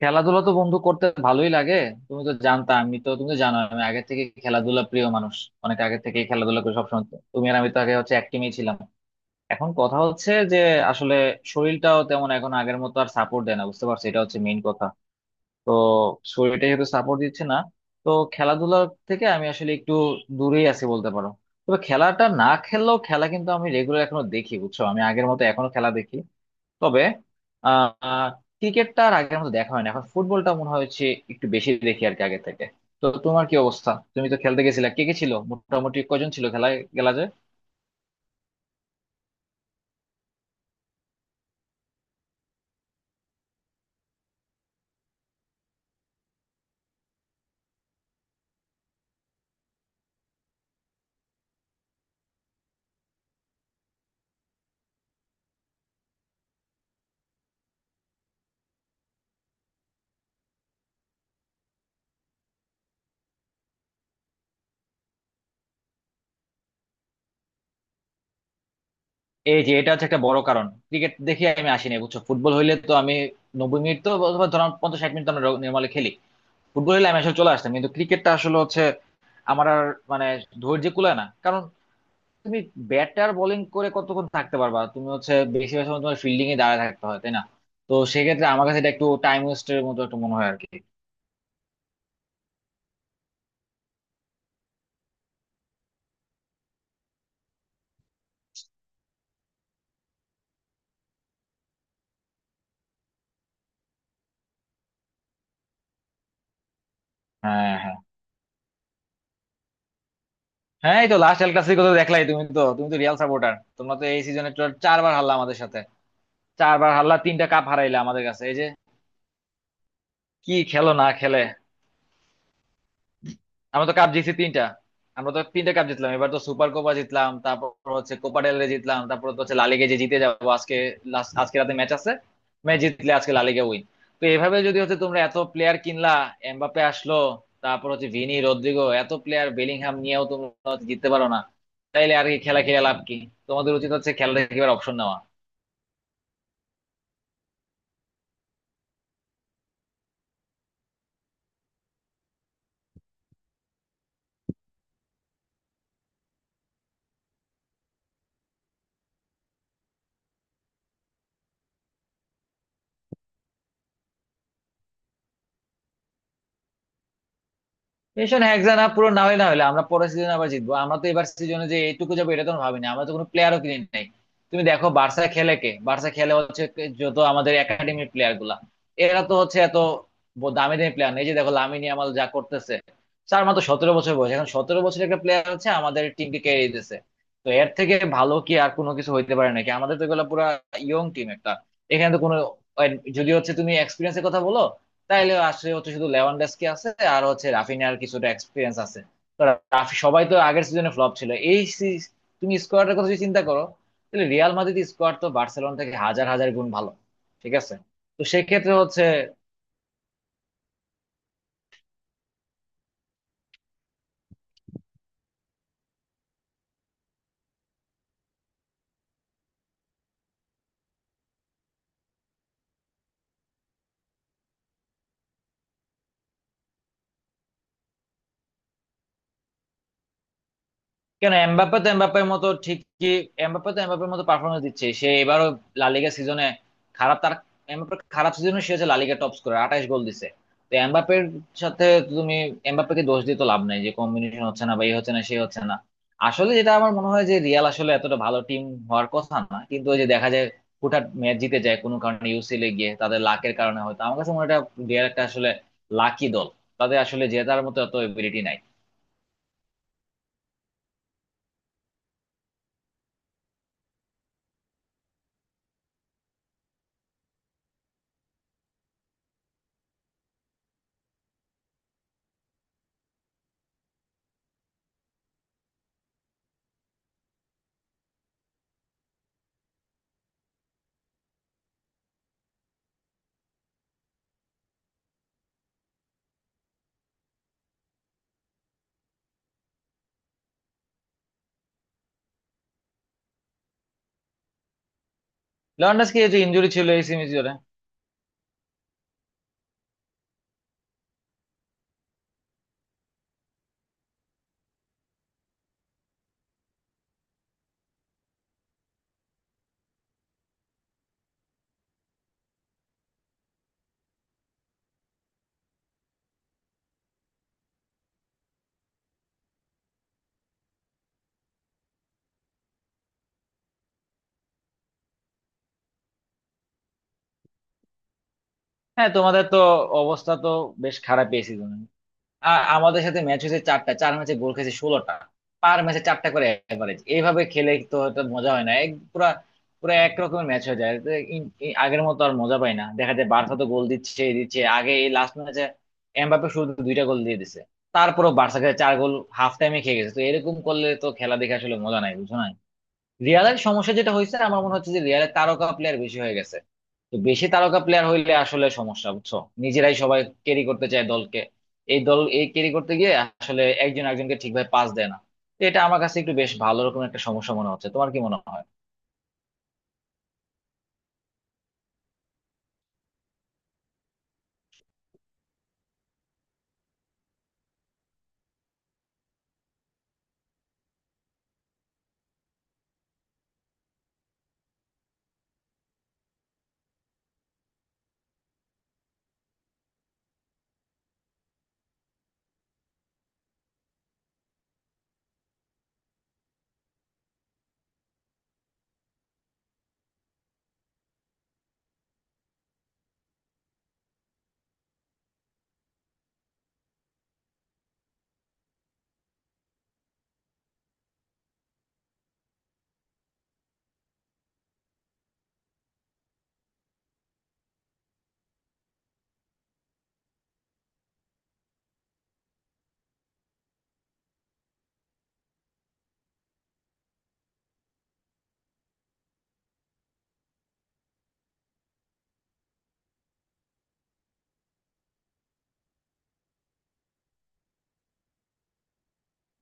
খেলাধুলা তো বন্ধু করতে ভালোই লাগে। তুমি তো জানতা, আমি তো তুমি তো জানো আমি আগে থেকে খেলাধুলা প্রিয় মানুষ। অনেক আগে থেকে খেলাধুলা করি সবসময় তো। তুমি আর আমি তো আগে হচ্ছে এক team-এই ছিলাম। এখন কথা হচ্ছে যে আসলে শরীরটাও তেমন এখন আগের মতো আর সাপোর্ট দেয় না, বুঝতে পারছো? এটা হচ্ছে মেইন কথা। তো শরীরটা যেহেতু সাপোর্ট দিচ্ছে না, তো খেলাধুলা থেকে আমি আসলে একটু দূরেই আছি বলতে পারো। তবে খেলাটা না খেললেও খেলা কিন্তু আমি রেগুলার এখনো দেখি, বুঝছো? আমি আগের মতো এখনো খেলা দেখি। তবে আহ ক্রিকেটটা আর আগের মতো দেখা হয় না এখন, ফুটবলটা মনে হয় হচ্ছে একটু বেশি দেখি আর কি আগে থেকে। তো তোমার কি অবস্থা? তুমি তো খেলতে গেছিলা। কে কে ছিল, মোটামুটি কজন ছিল খেলায় গেলা যে? এই যে এটা হচ্ছে একটা বড় কারণ, ক্রিকেট দেখে আমি আসিনি বুঝছো। ফুটবল হইলে তো আমি 90 মিনিট তো, অথবা ধরো 50-60 মিনিট তো আমরা নর্মালি খেলি। ফুটবল হইলে আমি আসলে চলে আসতাম, কিন্তু ক্রিকেটটা আসলে হচ্ছে আমার আর মানে ধৈর্য কুলায় না। কারণ তুমি ব্যাটার বোলিং করে কতক্ষণ থাকতে পারবা? তুমি হচ্ছে বেশিরভাগ সময় তোমার ফিল্ডিং এ দাঁড়ায় থাকতে হয়, তাই না? তো সেক্ষেত্রে আমার কাছে এটা একটু টাইম ওয়েস্টের মতো একটু মনে হয় আর কি। হ্যাঁ হ্যাঁ হ্যাঁ, এই তো লাস্ট এল ক্লাসিকো তো দেখলাই। তুমি তো রিয়াল সাপোর্টার। তোমরা তো এই সিজনে চারবার হারলা আমাদের সাথে, চারবার হারলা, তিনটা কাপ হারাইলা আমাদের কাছে এই যে। কি খেলো না খেলে! আমরা তো কাপ জিতছি তিনটা, আমরা তো তিনটা কাপ জিতলাম এবার। তো সুপার কোপা জিতলাম, তারপর হচ্ছে কোপা ডেল রে জিতলাম, তারপর তো হচ্ছে লা লিগে যে জিতে যাবো আজকে। লাস্ট আজকে রাতে ম্যাচ আছে, ম্যাচ জিতলে আজকে লা লিগে উইন। তো এভাবে যদি হচ্ছে, তোমরা এত প্লেয়ার কিনলা, এমবাপ্পে আসলো, তারপর হচ্ছে ভিনি রদ্রিগো, এত প্লেয়ার বেলিংহাম নিয়েও তোমরা হচ্ছে জিততে পারো না, তাইলে আর কি খেলা খেলে লাভ কি? তোমাদের উচিত হচ্ছে খেলা থেকে এবার অপশন নেওয়া। সেশন হেক্সা না পুরো, না হলে আমরা পরের সিজনে আবার জিতবো। আমরা তো এবার সিজনে যে এইটুকু যাবো এটা তো আমরা ভাবিনি, আমরা তো কোনো প্লেয়ারও কিনে নাই। তুমি দেখো বার্সা খেলে কে, বার্সা খেলে হচ্ছে যত আমাদের একাডেমির প্লেয়ার গুলা, এরা তো হচ্ছে এত দামি দামি প্লেয়ার নেই। যে দেখো লামিন ইয়ামাল যা করতেছে, তার মাত্র 17 বছর বয়স এখন। 17 বছরের একটা প্লেয়ার হচ্ছে আমাদের টিমকে ক্যারি দিতেছে। তো এর থেকে ভালো কি আর কোনো কিছু হইতে পারে নাকি? আমাদের তো এগুলো পুরা ইয়ং টিম একটা। এখানে তো কোনো, যদি হচ্ছে তুমি এক্সপিরিয়েন্সের কথা বলো, তাইলে আসলে হচ্ছে শুধু লেভানডস্কি আছে, আর হচ্ছে রাফিনিয়ার কিছুটা এক্সপিরিয়েন্স আছে। তো রাফি সবাই তো আগের সিজনে ফ্লপ ছিল এই তুমি স্কোয়াডের কথা যদি চিন্তা করো, তাহলে রিয়াল মাদ্রিদ স্কোয়াড তো বার্সেলোনা থেকে হাজার হাজার গুণ ভালো, ঠিক আছে? তো সেক্ষেত্রে হচ্ছে, কেন এমবাপ্পে তো এমবাপ্পের মতো ঠিকই, এমবাপ্পে তো এমবাপ্পের মতো পারফরমেন্স দিচ্ছে সে এবারও লা লিগা সিজনে। খারাপ তার, এমবাপ্পের খারাপ সিজনে সে হচ্ছে লা লিগা টপ স্কোরার, 28 গোল দিছে। তো এমবাপ্পের সাথে তুমি, এমবাপ্পেকে দোষ দিয়ে তো লাভ নাই যে কম্বিনেশন হচ্ছে না, বা এই হচ্ছে না সে হচ্ছে না। আসলে যেটা আমার মনে হয় যে রিয়াল আসলে এতটা ভালো টিম হওয়ার কথা না, কিন্তু ওই যে দেখা যায় হুটহাট ম্যাচ জিতে যায় কোনো কারণে। ইউসিএল এ গিয়ে তাদের লাকের কারণে হয়তো, আমার কাছে মনে হয় এটা। রিয়াল একটা আসলে লাকি দল, তাদের আসলে জেতার মতো এত এবিলিটি নাই। লর্নেস কি এই যে ইঞ্জুরি ছিল এই সিমিজোরে। হ্যাঁ তোমাদের তো অবস্থা তো বেশ খারাপ এই সিজনে। আমাদের সাথে ম্যাচ হয়েছে চারটা, চার ম্যাচে গোল খেয়েছে 16টা, পার ম্যাচে চারটা করে এভারেজ। এইভাবে খেলে তো এটা মজা হয় না। এক পুরা পুরো একরকমের ম্যাচ হয়ে যায় তো, আগের মতো আর মজা পাই না। দেখা যায় বার্সা তো গোল দিচ্ছে, এই দিচ্ছে আগে, এই লাস্ট ম্যাচে এমবাপ্পে শুরুতে দুইটা গোল দিয়ে দিছে, তারপরও বার্সাকে চার গোল হাফ টাইমে খেয়ে গেছে। তো এরকম করলে তো খেলা দেখে আসলে মজা নাই বুঝো না। রিয়ালের সমস্যা যেটা হয়েছে আমার মনে হচ্ছে যে রিয়ালের তারকা প্লেয়ার বেশি হয়ে গেছে। তো বেশি তারকা প্লেয়ার হইলে আসলে সমস্যা, বুঝছো? নিজেরাই সবাই ক্যারি করতে চায় দলকে, এই ক্যারি করতে গিয়ে আসলে একজন একজনকে ঠিকভাবে পাস দেয় না। তো এটা আমার কাছে একটু বেশ ভালো রকম একটা সমস্যা মনে হচ্ছে, তোমার কি মনে হয়?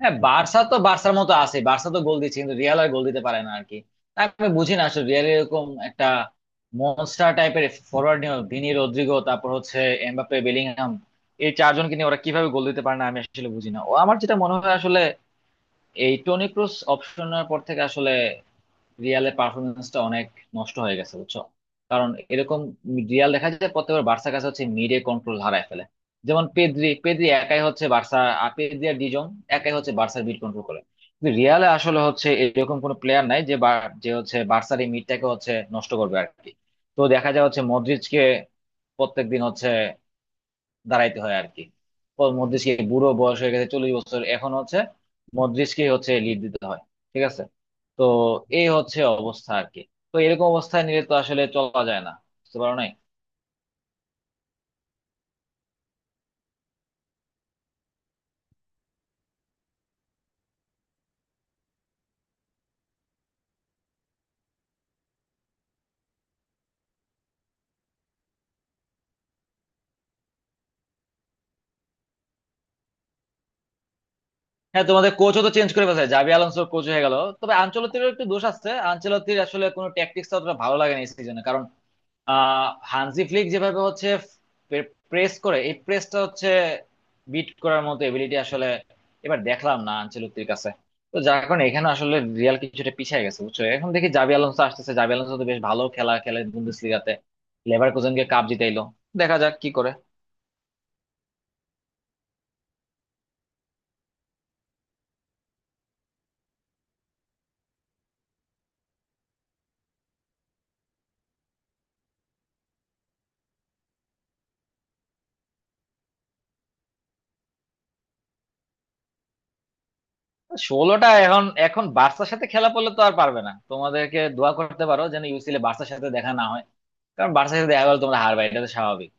হ্যাঁ বার্সা তো বার্সার মতো আছে, বার্সা তো গোল দিচ্ছে কিন্তু রিয়াল আর গোল দিতে পারে না আর কি। তা আমি বুঝি না আসলে, রিয়াল এরকম একটা মনস্টার টাইপের ফরোয়ার্ড নিয়ে, ভিনি রদ্রিগো, তারপর হচ্ছে এমবাপ্পে বেলিংহাম, এই চারজনকে নিয়ে ওরা কিভাবে গোল দিতে পারে না আমি আসলে বুঝি না। ও আমার যেটা মনে হয় আসলে, এই টনি ক্রুস অপশনের পর থেকে আসলে রিয়ালের পারফরমেন্সটা অনেক নষ্ট হয়ে গেছে, বুঝছো? কারণ এরকম রিয়াল দেখা যায় প্রত্যেকবার বার্সার কাছে হচ্ছে মিডে কন্ট্রোল হারায় ফেলে। যেমন পেদ্রি পেদ্রি একাই হচ্ছে বার্সা, আর পেদ্রি আর ডিজং একাই হচ্ছে বার্সার মিড কন্ট্রোল করে। কিন্তু রিয়ালে আসলে হচ্ছে এরকম কোনো প্লেয়ার নাই যে যে হচ্ছে বার্সার এই মিডটাকে হচ্ছে নষ্ট করবে আর কি। তো দেখা যায় হচ্ছে মদ্রিজকে প্রত্যেকদিন হচ্ছে দাঁড়াইতে হয় আর কি। ও মদ্রিজকে বুড়ো বয়স হয়ে গেছে, 40 বছর এখন হচ্ছে, মদ্রিজকে হচ্ছে লিড দিতে হয়, ঠিক আছে? তো এই হচ্ছে অবস্থা আর কি। তো এরকম অবস্থায় নিয়ে তো আসলে চলা যায় না, বুঝতে পারো নাই? হ্যাঁ তোমাদের কোচও তো চেঞ্জ করে ফেলছে, জাবি আলোনসো কোচ হয়ে গেল। তবে আনচেলত্তিরও একটু দোষ আছে, আনচেলত্তির আসলে কোনো ট্যাকটিক্স অতটা ভালো লাগে না এই সিজনে। কারণ হানজি ফ্লিক যেভাবে হচ্ছে প্রেস করে, এই প্রেসটা হচ্ছে বিট করার মতো এবিলিটি আসলে এবার দেখলাম না আনচেলত্তির কাছে। তো যার কারণে এখানে আসলে রিয়াল কিছুটা পিছিয়ে গেছে বুঝছো। এখন দেখি জাবি আলোনসো আসতেছে, জাবি আলোনসো তো বেশ ভালো খেলা খেলে বুন্দেসলিগাতে, লেভারকুসেনকে কাপ জিতাইলো। দেখা যাক কি করে। 16টা, এখন এখন বার্সার সাথে খেলা পড়লে তো আর পারবে না। তোমাদেরকে দোয়া করতে পারো যেন ইউসিএল বার্সার সাথে দেখা না হয়, কারণ বার্সার সাথে দেখা গেলে তোমরা হারবে, এটা তো স্বাভাবিক।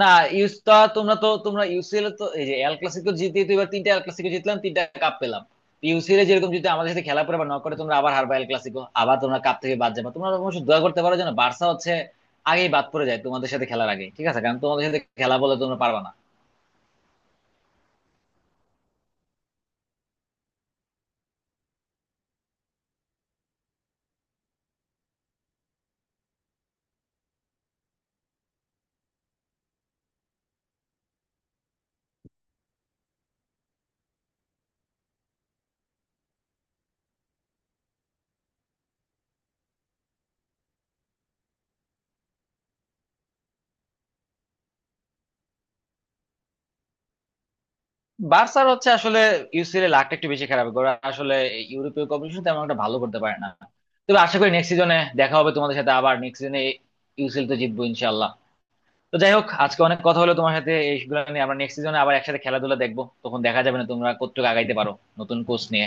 না, ইউস তা তোমরা ইউসিএল তো এই যে এল ক্লাসিকো জিতে তো, এবার তিনটা এল ক্লাসিকো জিতলাম, তিনটা কাপ পেলাম। ইউসিএল এ যেরকম যদি আমাদের সাথে খেলা পরে বা নক করে, তোমরা আবার হারবা এল ক্লাসিকো, আবার তোমরা কাপ থেকে বাদ যাবে। তোমরা অবশ্য দোয়া করতে পারো যেন বার্সা হচ্ছে আগেই বাদ পড়ে যায় তোমাদের সাথে খেলার আগে, ঠিক আছে? কারণ তোমাদের সাথে খেলা বলে তোমরা পারবা না। বার্সার হচ্ছে আসলে ইউসিএল এ লাকটা একটু বেশি খারাপ, ওরা আসলে ইউরোপীয় কম্পিটিশন তেমন একটা ভালো করতে পারে না। তবে আশা করি নেক্সট সিজনে দেখা হবে তোমাদের সাথে, আবার নেক্সট সিজনে ইউসিএল তো জিতবো ইনশাল্লাহ। তো যাই হোক, আজকে অনেক কথা হলো তোমার সাথে এইগুলো নিয়ে। আমরা নেক্সট সিজনে আবার একসাথে খেলাধুলা দেখবো, তখন দেখা যাবে না তোমরা কতটুকু আগাইতে পারো নতুন কোচ নিয়ে।